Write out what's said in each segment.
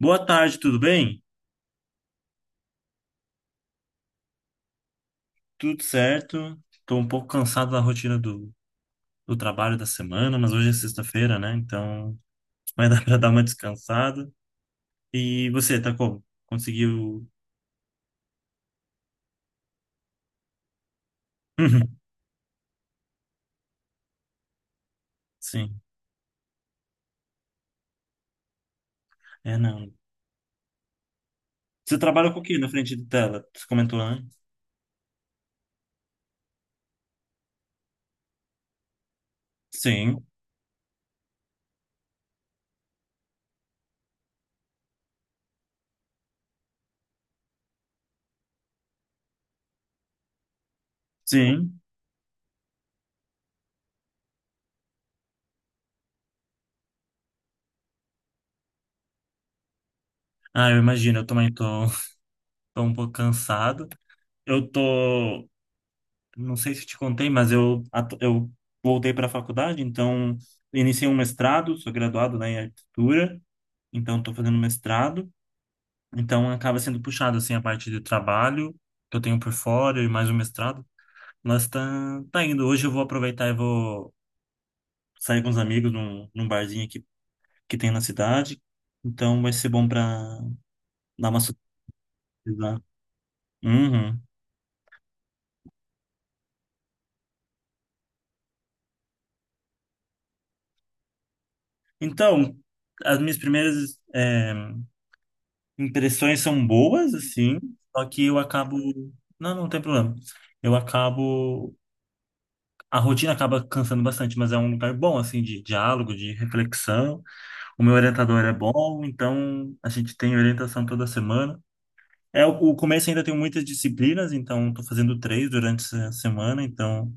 Boa tarde, tudo bem? Tudo certo. Estou um pouco cansado da rotina do trabalho da semana, mas hoje é sexta-feira, né? Então vai dar para dar uma descansada. E você, tá como? Conseguiu? Uhum. Sim. É, não. Você trabalha com o quê na frente de tela? Você comentou, né? Sim, sim. Ah, eu imagino, eu também tô, tô um pouco cansado. Eu tô, não sei se te contei, mas eu voltei para a faculdade, então iniciei um mestrado, sou graduado, né, em arquitetura. Então estou fazendo mestrado, então acaba sendo puxado assim a parte de trabalho que eu tenho por fora e mais o mestrado. Mas tá, tá indo. Hoje eu vou aproveitar e vou sair com os amigos num barzinho aqui que tem na cidade. Então vai ser bom para dar uma socializada. Uhum. Então, as minhas primeiras impressões são boas, assim, só que eu acabo. Não, não tem problema. Eu acabo A rotina acaba cansando bastante, mas é um lugar bom, assim, de diálogo, de reflexão. O meu orientador é bom, então a gente tem orientação toda semana. É, o começo ainda tem muitas disciplinas, então estou fazendo três durante essa semana, então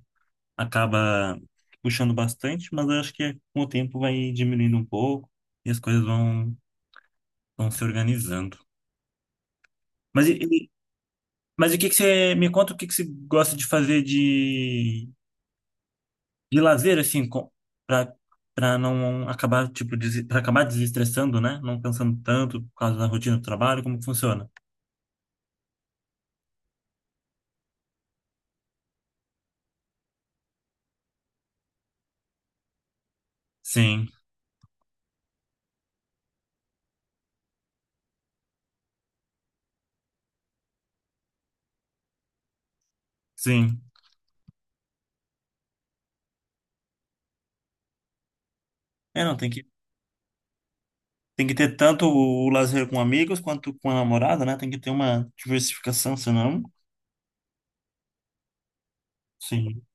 acaba puxando bastante, mas eu acho que com o tempo vai diminuindo um pouco e as coisas vão se organizando. Mas, e- e- mas o que que você me conta, o que que você gosta de fazer de lazer, assim, pra, pra não acabar, tipo, pra acabar desestressando, né? Não pensando tanto por causa da rotina do trabalho, como que funciona. Sim, sim. É, não, tem que ter tanto o lazer com amigos quanto com a namorada, né? Tem que ter uma diversificação, senão. Sim.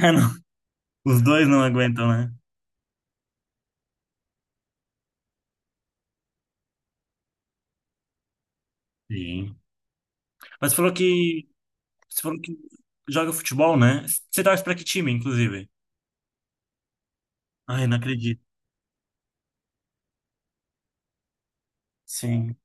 É, não. Os dois não aguentam, né? Sim. Mas falou que. Você falou que joga futebol, né? Você torce pra que time, inclusive? Ai, não acredito. Sim,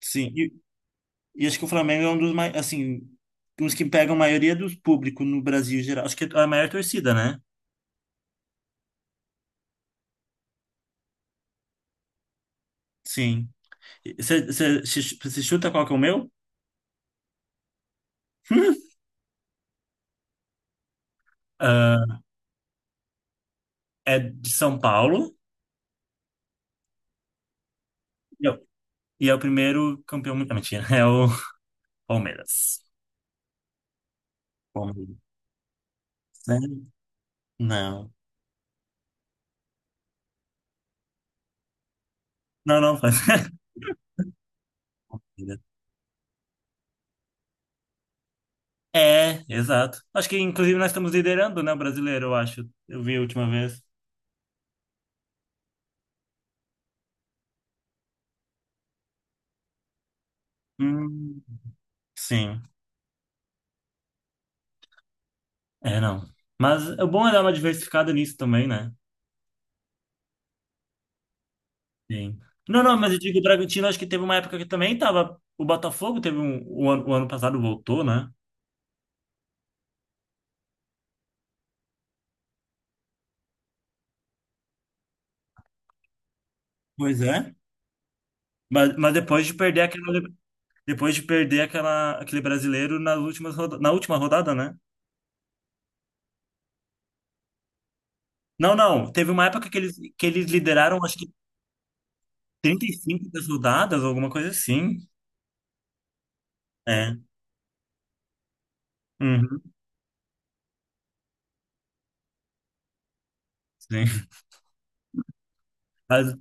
sim. E acho que o Flamengo é um dos mais, assim, uns que pegam a maioria do público no Brasil em geral. Acho que é a maior torcida, né? Sim. Você chuta qual que é o meu? Ah, é de São Paulo. E é o e é o primeiro campeão. Não, mentira, é o Palmeiras. Palmeiras. Né? Não. Não, não faz. É, exato. Acho que inclusive nós estamos liderando, né, o brasileiro, eu acho. Eu vi a última vez. Hum, sim. É, não. Mas o bom é dar uma diversificada nisso também, né? Sim. Não, não, Mas eu digo o Bragantino, acho que teve uma época que também tava. O Botafogo teve um. O ano passado voltou, né? Pois é. Mas depois de perder aquela, depois de perder aquela, aquele brasileiro nas na última rodada, né? Não, não. Teve uma época que eles lideraram, acho que 35 das rodadas, alguma coisa assim. É. Uhum, sim. Mas,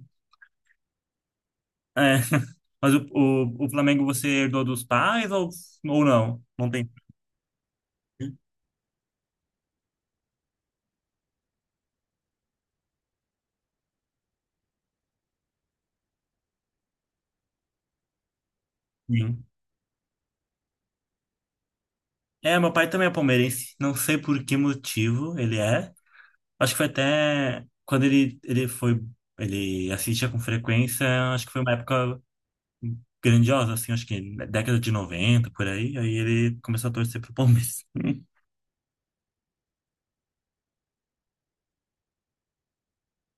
é. Mas o Flamengo você herdou dos pais ou não? Não tem. É, meu pai também é palmeirense. Não sei por que motivo ele é. Acho que foi até quando ele, ele assistia com frequência, acho que foi uma época grandiosa, assim, acho que década de 90 por aí. Aí ele começou a torcer pro Palmeiras.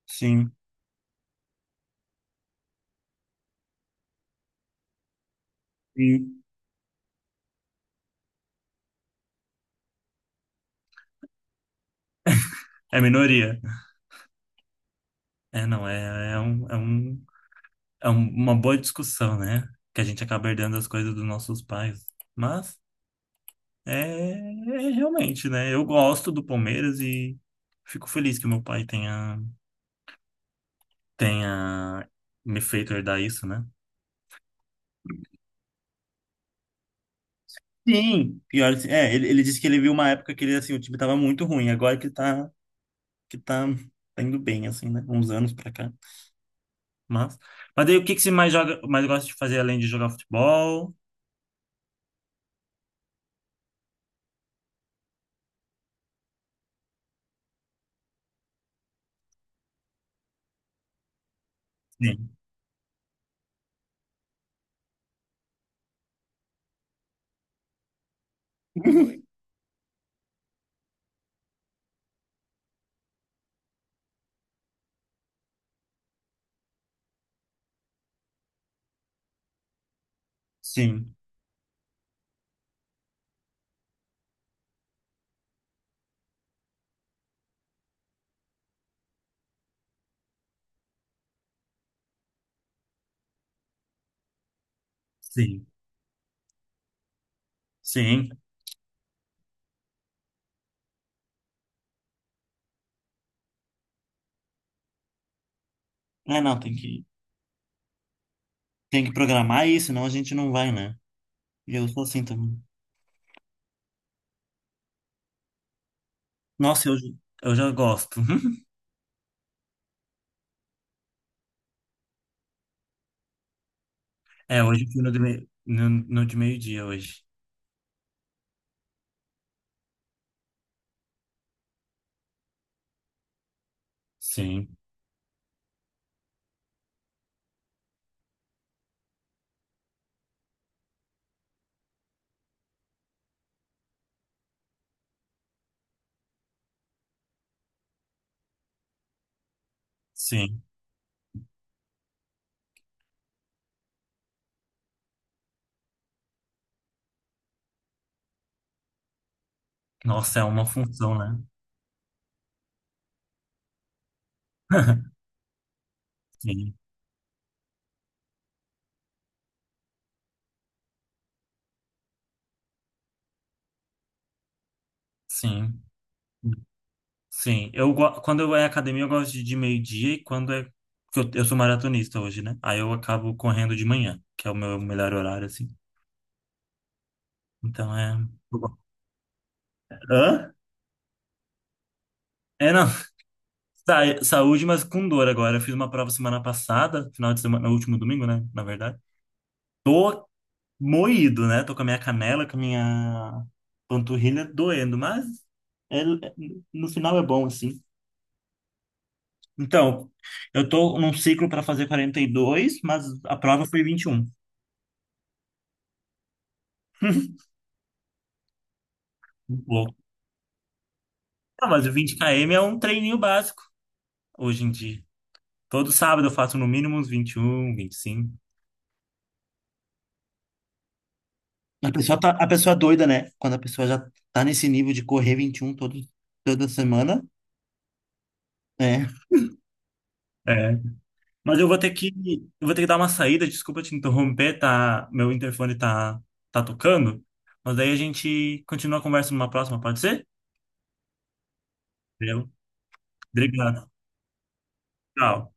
Sim, sim. É minoria. É, não, é um- uma boa discussão, né? Que a gente acaba herdando as coisas dos nossos pais. Mas é, é realmente, né? Eu gosto do Palmeiras e fico feliz que meu pai tenha. Tenha me feito herdar isso, né? Sim, pior, assim, é, ele disse que ele viu uma época que ele, assim, o time tava muito ruim, agora que tá, tá indo bem, assim, né, uns anos pra cá. Mas, mas daí o que que você mais joga, mais gosta de fazer além de jogar futebol? Sim, sim. Sim, sim. É, não, tem que programar isso, senão a gente não vai, né, e eu sou assim também. Nossa, eu, Eu já gosto. É, hoje eu fui no de meio-dia hoje. Sim, sim. Nossa, é uma função, né? Sim, sim, sim. Quando eu é academia, eu gosto de meio-dia e quando é. Porque eu sou maratonista hoje, né? Aí eu acabo correndo de manhã, que é o meu melhor horário, assim. Então é. Eu gosto. Hã? É, não. Saúde, mas com dor agora. Eu fiz uma prova semana passada, final de semana, no último domingo, né? Na verdade. Tô moído, né? Tô com a minha canela, com a minha panturrilha doendo, mas é- é, no final é bom, assim. Então, eu tô num ciclo para fazer 42, mas a prova foi 21. Muito louco. Não, mas o 20 km é um treininho básico hoje em dia. Todo sábado eu faço no mínimo uns 21, 25. A pessoa tá, a pessoa é doida, né? Quando a pessoa já tá nesse nível de correr 21 toda semana, né? É. Mas eu vou ter que, eu vou ter que dar uma saída, desculpa te interromper, tá? Meu interfone tá, tá tocando. Mas daí a gente continua a conversa numa próxima, pode ser? Entendeu? Obrigado. Tchau.